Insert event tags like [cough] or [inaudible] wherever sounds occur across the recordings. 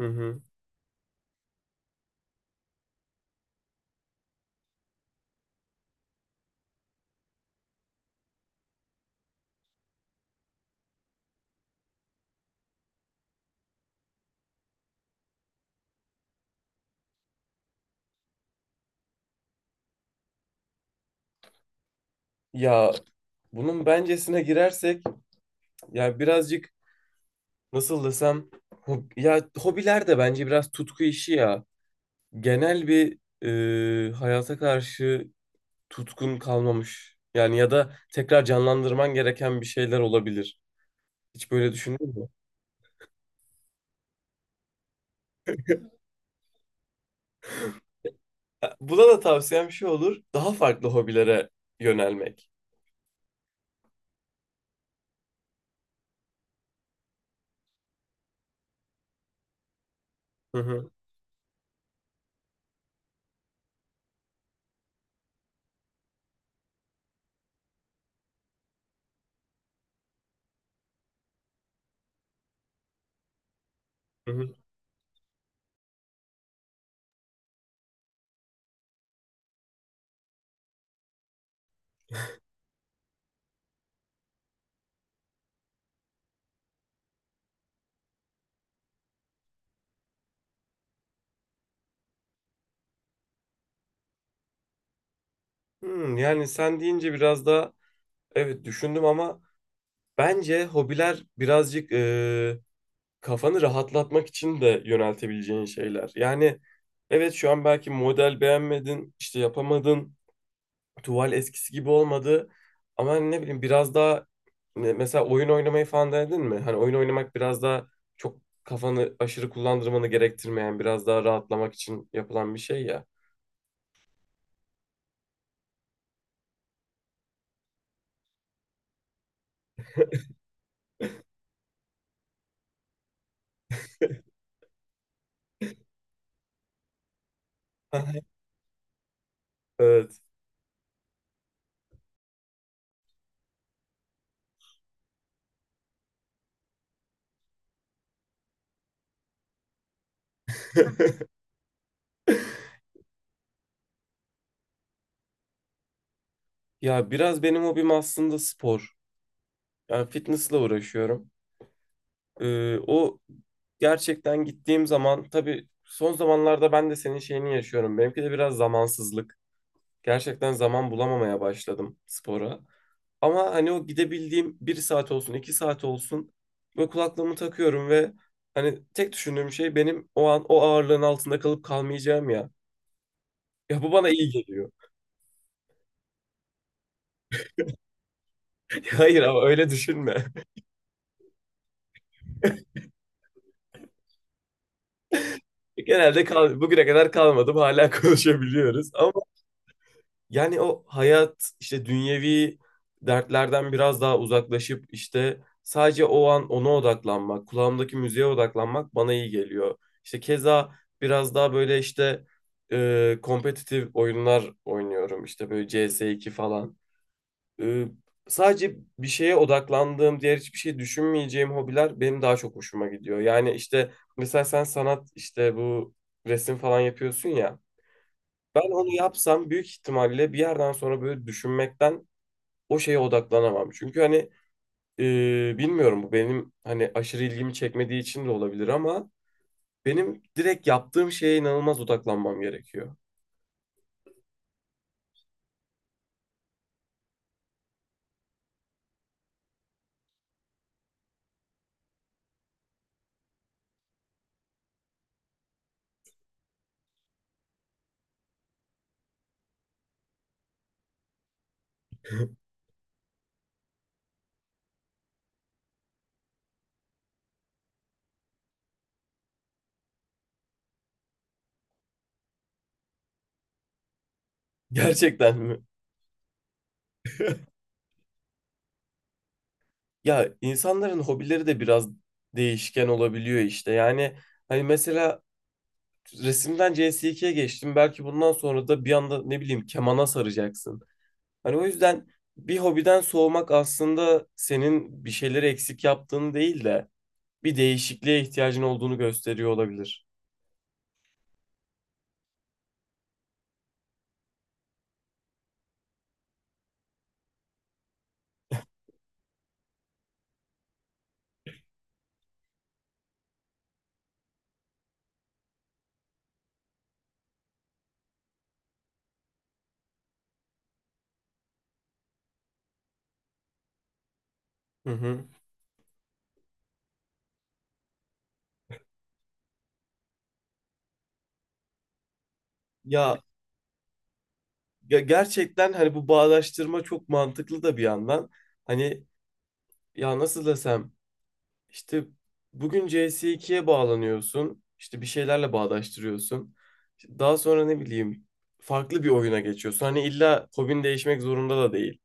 Hı hı. Ya bunun bencesine girersek ya birazcık nasıl desem ya hobiler de bence biraz tutku işi ya. Genel bir hayata karşı tutkun kalmamış. Yani ya da tekrar canlandırman gereken bir şeyler olabilir. Hiç böyle düşündün mü? Ha, buna da tavsiyem şu olur. Daha farklı hobilere yönelmek. Hı hı. Hı hı. Hmm, yani sen deyince biraz daha evet düşündüm ama bence hobiler birazcık kafanı rahatlatmak için de yöneltebileceğin şeyler. Yani evet, şu an belki model beğenmedin, işte yapamadın, tuval eskisi gibi olmadı. Ama hani ne bileyim biraz daha mesela oyun oynamayı falan denedin mi? Hani oyun oynamak biraz daha çok kafanı aşırı kullandırmanı gerektirmeyen, biraz daha rahatlamak için yapılan bir şey ya. [laughs] Evet. Ya biraz benim hobim aslında spor. Yani fitnessle uğraşıyorum. O gerçekten gittiğim zaman tabii son zamanlarda ben de senin şeyini yaşıyorum. Benimki de biraz zamansızlık. Gerçekten zaman bulamamaya başladım spora. Ama hani o gidebildiğim bir saat olsun, iki saat olsun ve kulaklığımı takıyorum ve hani tek düşündüğüm şey benim o an o ağırlığın altında kalıp kalmayacağım ya. Ya bu bana iyi geliyor. [laughs] Hayır, ama öyle düşünme. Genelde kal bugüne kadar kalmadım, hala [laughs] konuşabiliyoruz ama. Yani o hayat işte dünyevi dertlerden biraz daha uzaklaşıp işte sadece o an ona odaklanmak, kulağımdaki müziğe odaklanmak bana iyi geliyor. İşte keza biraz daha böyle işte kompetitif oyunlar oynuyorum. İşte böyle CS2 falan. E, sadece bir şeye odaklandığım, diğer hiçbir şey düşünmeyeceğim hobiler benim daha çok hoşuma gidiyor. Yani işte mesela sen sanat işte bu resim falan yapıyorsun ya. Ben onu yapsam büyük ihtimalle bir yerden sonra böyle düşünmekten o şeye odaklanamam. Çünkü hani bilmiyorum, bu benim hani aşırı ilgimi çekmediği için de olabilir ama benim direkt yaptığım şeye inanılmaz odaklanmam gerekiyor. [laughs] Gerçekten mi? Ya insanların hobileri de biraz değişken olabiliyor işte. Yani hani mesela resimden CS2'ye geçtim. Belki bundan sonra da bir anda ne bileyim kemana saracaksın. Hani o yüzden bir hobiden soğumak aslında senin bir şeyleri eksik yaptığını değil de bir değişikliğe ihtiyacın olduğunu gösteriyor olabilir. Hı hı. Ya, ya gerçekten hani bu bağdaştırma çok mantıklı da bir yandan. Hani ya nasıl desem işte bugün C S ikiye bağlanıyorsun. İşte bir şeylerle bağdaştırıyorsun. İşte daha sonra ne bileyim farklı bir oyuna geçiyorsun. Hani illa hobin değişmek zorunda da değil.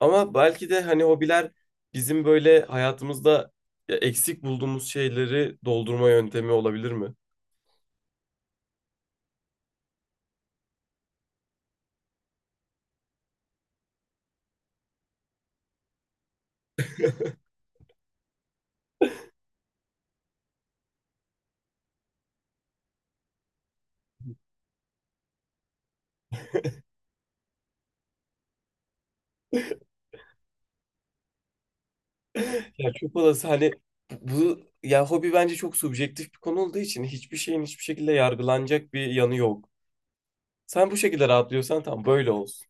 Ama belki de hani hobiler bizim böyle hayatımızda ya eksik bulduğumuz şeyleri doldurma yöntemi olabilir mi? [laughs] Ya çok olası hani ya hobi bence çok subjektif bir konu olduğu için hiçbir şeyin hiçbir şekilde yargılanacak bir yanı yok. Sen bu şekilde rahatlıyorsan tam böyle olsun.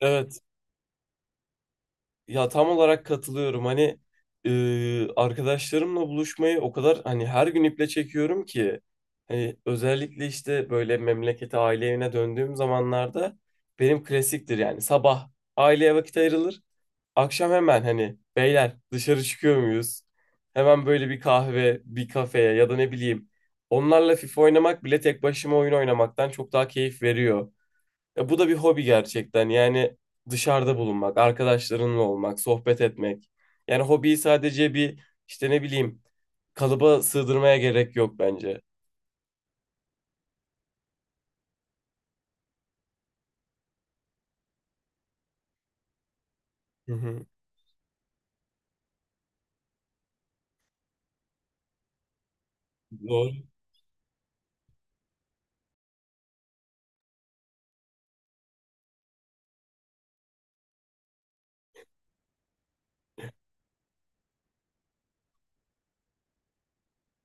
Evet. Ya tam olarak katılıyorum. Hani arkadaşlarımla buluşmayı o kadar hani her gün iple çekiyorum ki hani özellikle işte böyle memlekete aile evine döndüğüm zamanlarda benim klasiktir yani sabah aileye vakit ayrılır. Akşam hemen hani beyler dışarı çıkıyor muyuz? Hemen böyle bir kahve, bir kafeye ya da ne bileyim onlarla FIFA oynamak bile tek başıma oyun oynamaktan çok daha keyif veriyor. Ya bu da bir hobi gerçekten. Yani dışarıda bulunmak, arkadaşlarınla olmak, sohbet etmek. Yani hobiyi sadece bir işte ne bileyim kalıba sığdırmaya gerek yok bence. Hı hı. Doğru,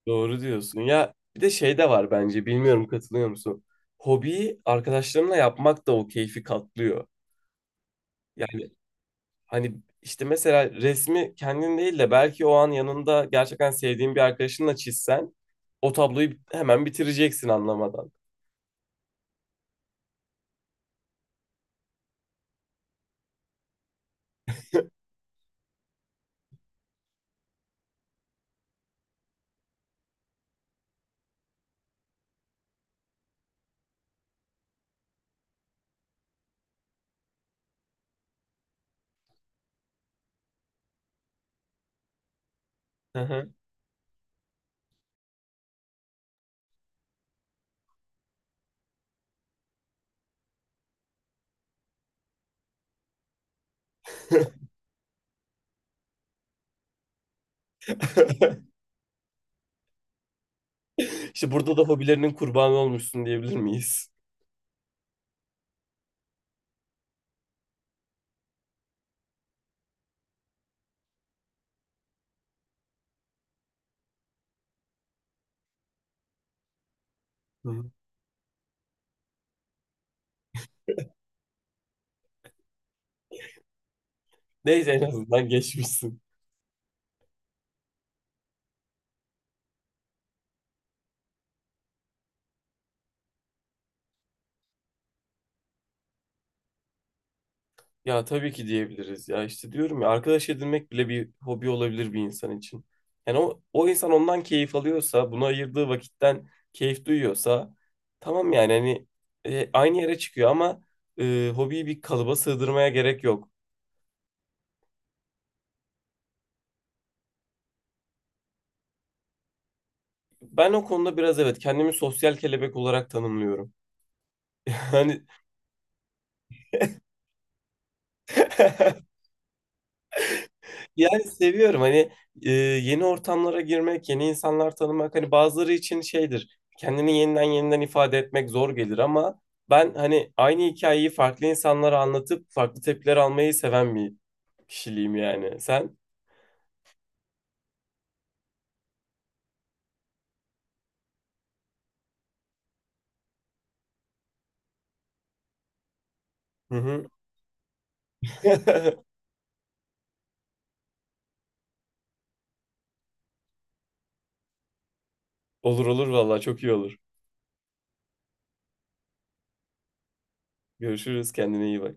doğru diyorsun. Ya bir de şey de var bence. Bilmiyorum katılıyor musun? Hobiyi arkadaşlarınla yapmak da o keyfi katlıyor. Yani hani işte mesela resmi kendin değil de belki o an yanında gerçekten sevdiğin bir arkadaşınla çizsen o tabloyu hemen bitireceksin anlamadan. Hı hı. [laughs] İşte burada da hobilerinin kurbanı olmuşsun diyebilir miyiz? Hı hı. Neyse, en azından geçmişsin. Ya tabii ki diyebiliriz ya, işte diyorum ya arkadaş edinmek bile bir hobi olabilir bir insan için. Yani o insan ondan keyif alıyorsa, buna ayırdığı vakitten keyif duyuyorsa tamam yani hani aynı yere çıkıyor ama hobiyi bir kalıba sığdırmaya gerek yok. Ben o konuda biraz evet kendimi sosyal kelebek olarak tanımlıyorum. [laughs] Yani [laughs] yani seviyorum hani yeni ortamlara girmek, yeni insanlar tanımak hani bazıları için şeydir. Kendini yeniden ifade etmek zor gelir ama ben hani aynı hikayeyi farklı insanlara anlatıp farklı tepkiler almayı seven bir kişiliğim yani. Sen? Hı hı. [laughs] Olur olur vallahi çok iyi olur. Görüşürüz, kendine iyi bak.